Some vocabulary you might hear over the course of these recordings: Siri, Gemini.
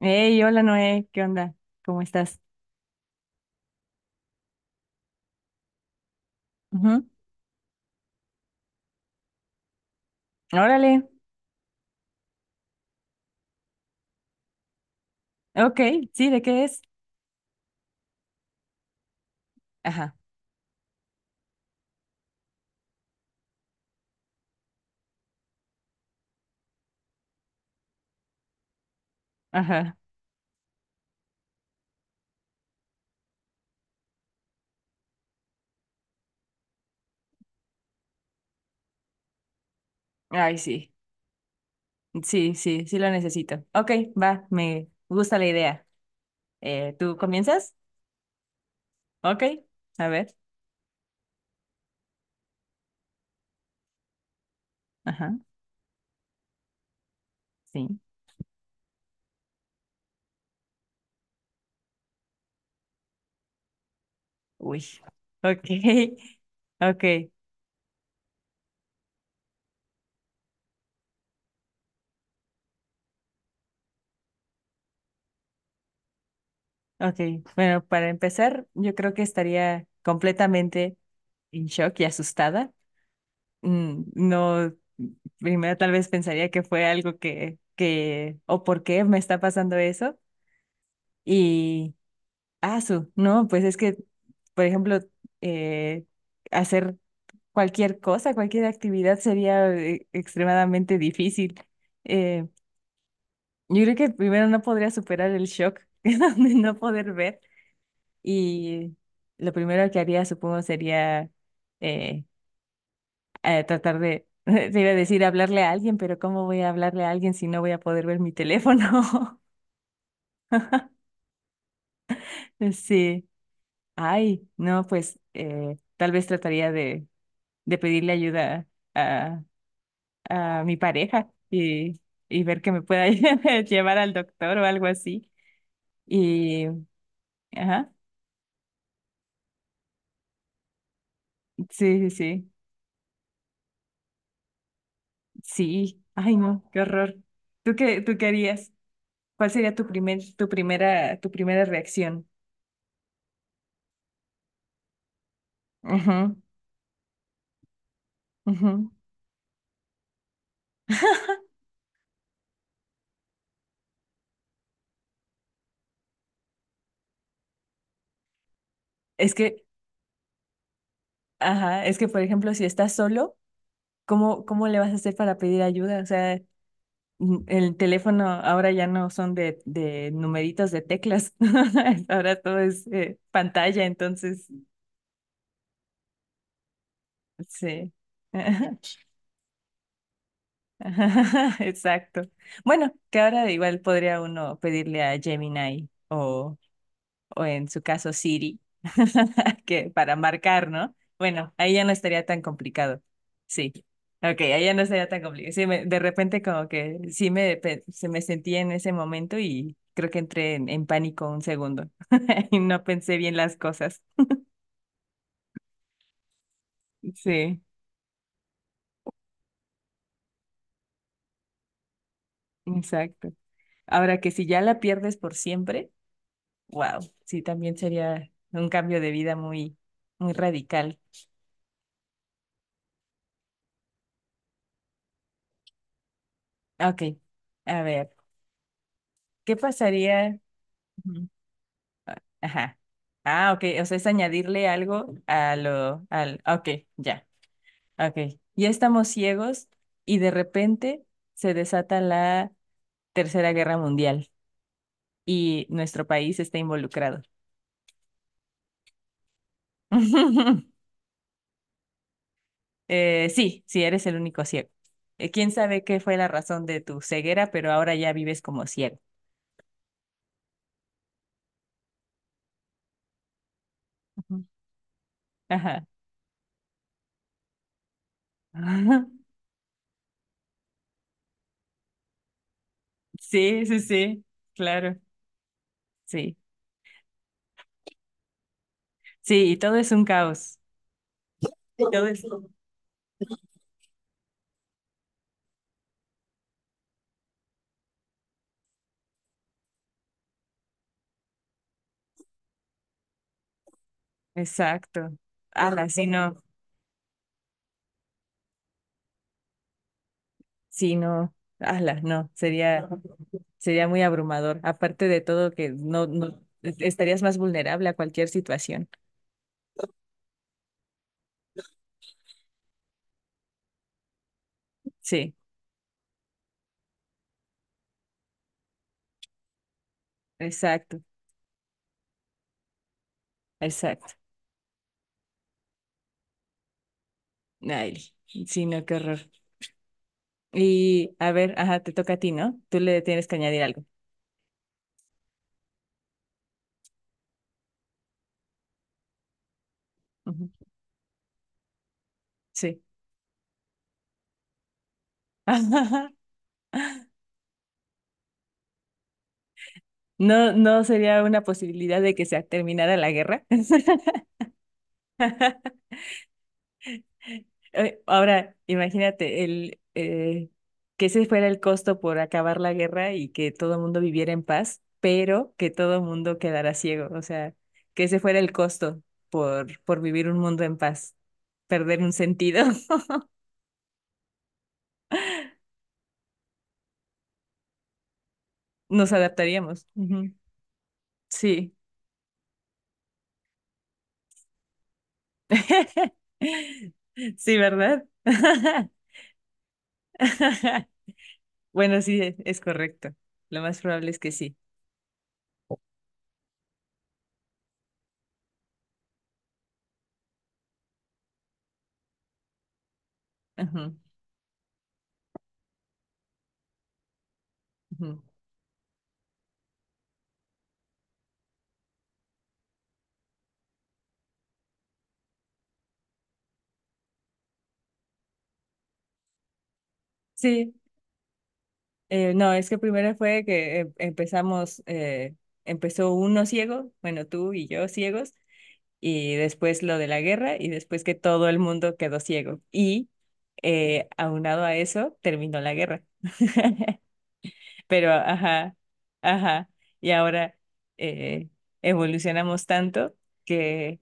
Hey, hola Noé, ¿qué onda? ¿Cómo estás? Ujú. Órale, ok, sí, ¿de qué es? Ajá, ajá. Ay, sí, sí, sí, sí lo necesito. Ok, va, me gusta la idea. ¿Tú comienzas? Ok, a ver, ajá, sí, uy, ok, ok, ok. Bueno, para empezar, yo creo que estaría completamente en shock y asustada. Mm, no, primero tal vez pensaría que fue algo que, o por qué me está pasando eso. Y, ah, su, no, pues es que, por ejemplo, eh, hacer cualquier cosa, cualquier actividad sería extremadamente difícil. Eh, yo creo que primero no podría superar el shock de no poder ver. Y lo primero que haría, supongo, sería... eh, tratar te iba a decir hablarle a alguien, pero ¿cómo voy a hablarle a alguien si no voy a poder ver mi teléfono? Sí, ay, no, pues tal vez trataría de pedirle ayuda a, a mi pareja y ver que me pueda llevar al doctor o algo así. Y, ajá, sí, sí, sí, sí, ay, no, qué horror. ¿Tú qué harías? ¿Cuál sería tu primer, ¿tu primera reacción? Ujú, ujú. Es que ajá, es que por ejemplo, si estás solo, ¿cómo le vas a hacer para pedir ayuda? O sea, n- el teléfono ahora ya no son de numeritos de teclas, ahora todo es pantalla, entonces, sí. Ajá, exacto. Bueno, que ahora igual podría uno pedirle a Gemini o en su caso Siri, que para marcar, ¿no? Bueno, ahí ya no estaría tan complicado. Sí. Ok, ahí ya no estaría tan complicado. Sí, me- de repente como que sí me, pe- se me sentía en ese momento y creo que entré en pánico un segundo y no pensé bien las cosas. Sí, exacto. Ahora que si ya la pierdes por siempre, wow, sí, también sería un cambio de vida muy, muy radical. Ok, a ver, ¿qué pasaría? Ajá. Ah, ok. O sea, es añadirle algo a lo, al, ah, ok, ya, ok. Ya estamos ciegos y de repente se desata la Tercera Guerra Mundial y nuestro país está involucrado. Sí, sí, eres el único ciego. Quién sabe qué fue la razón de tu ceguera, pero ahora ya vives como ciego. Ujú. Ajá. Sí, sí, sí, claro, sí. Sí, y todo es un caos. Todo es, exacto. Pero ala, sí, no, sí, no, ala, no, sería muy abrumador. Aparte de todo, que no, no, estarías más vulnerable a cualquier situación. Sí, exacto, exacto. Ay, sí, no, qué horror. Y a ver, ajá, te toca a ti, ¿no? Tú le tienes que añadir algo. Ujú, sí. No, no sería una posibilidad de que se terminara la guerra. Ahora, imagínate el que ese fuera el costo por acabar la guerra y que todo el mundo viviera en paz, pero que todo el mundo quedara ciego. O sea, que ese fuera el costo por vivir un mundo en paz, perder un sentido, nos adaptaríamos. Ujú. Sí, sí, ¿verdad? Bueno, sí, es correcto. Lo más probable es que sí. Ujú, ujú. Sí. No, es que primero fue que em- empezamos, empezó uno ciego, bueno, tú y yo ciegos, y después lo de la guerra, y después que todo el mundo quedó ciego. Y aunado a eso, terminó la guerra. Pero, ajá, ajá, y ahora eh, evolucionamos tanto que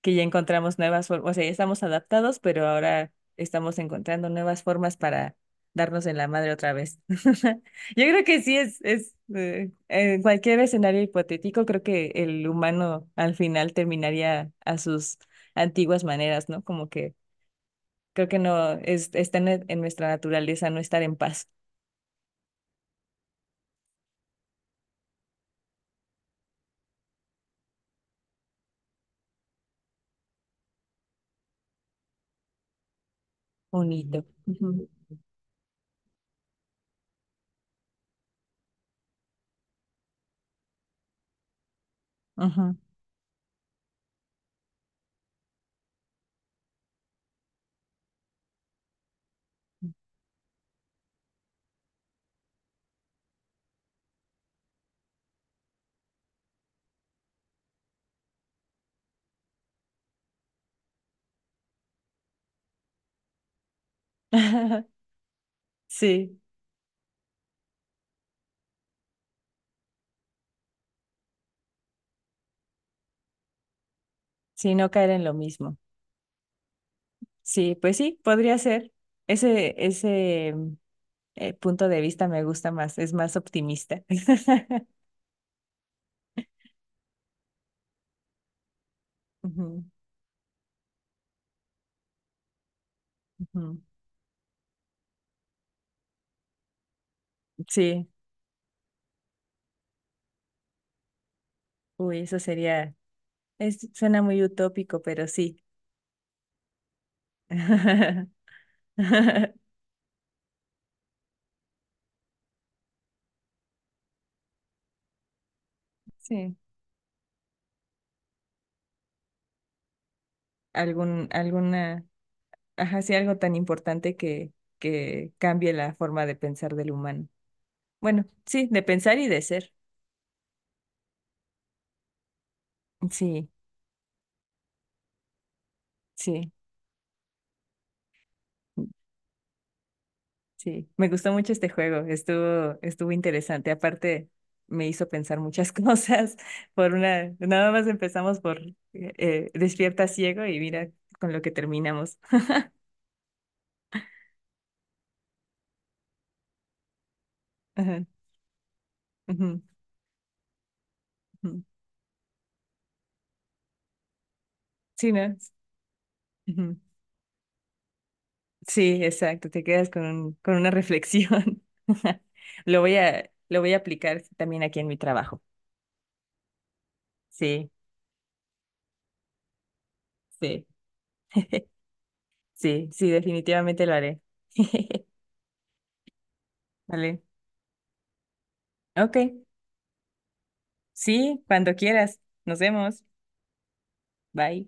que ya encontramos nuevas formas, o sea, ya estamos adaptados, pero ahora estamos encontrando nuevas formas para darnos en la madre otra vez. Yo creo que sí es en cualquier escenario hipotético, creo que el humano al final terminaría a sus antiguas maneras, ¿no? Como que creo que no, es, está en nuestra naturaleza no estar en paz. Bonito. Ujú. Ujú. Sí, sí, no caer en lo mismo. Sí, pues sí, podría ser ese punto de vista me gusta más, es más optimista. Ujú, ujú. Sí, uy, eso sería, es, suena muy utópico, pero sí. Sí, algún, alguna, ajá, sí, algo tan importante que cambie la forma de pensar del humano. Bueno, sí, de pensar y de ser. Sí, sí. Sí, me gustó mucho este juego, estuvo, estuvo interesante. Aparte, me hizo pensar muchas cosas por una, nada más empezamos por despierta ciego y mira con lo que terminamos. Ajá, ujú, ujú. Sí, ¿no? Ujú. Sí, exacto, te quedas con un- con una reflexión. Lo voy a aplicar también aquí en mi trabajo. Sí, sí, sí, sí, definitivamente lo haré. Vale. Ok, sí, cuando quieras. Nos vemos. Bye.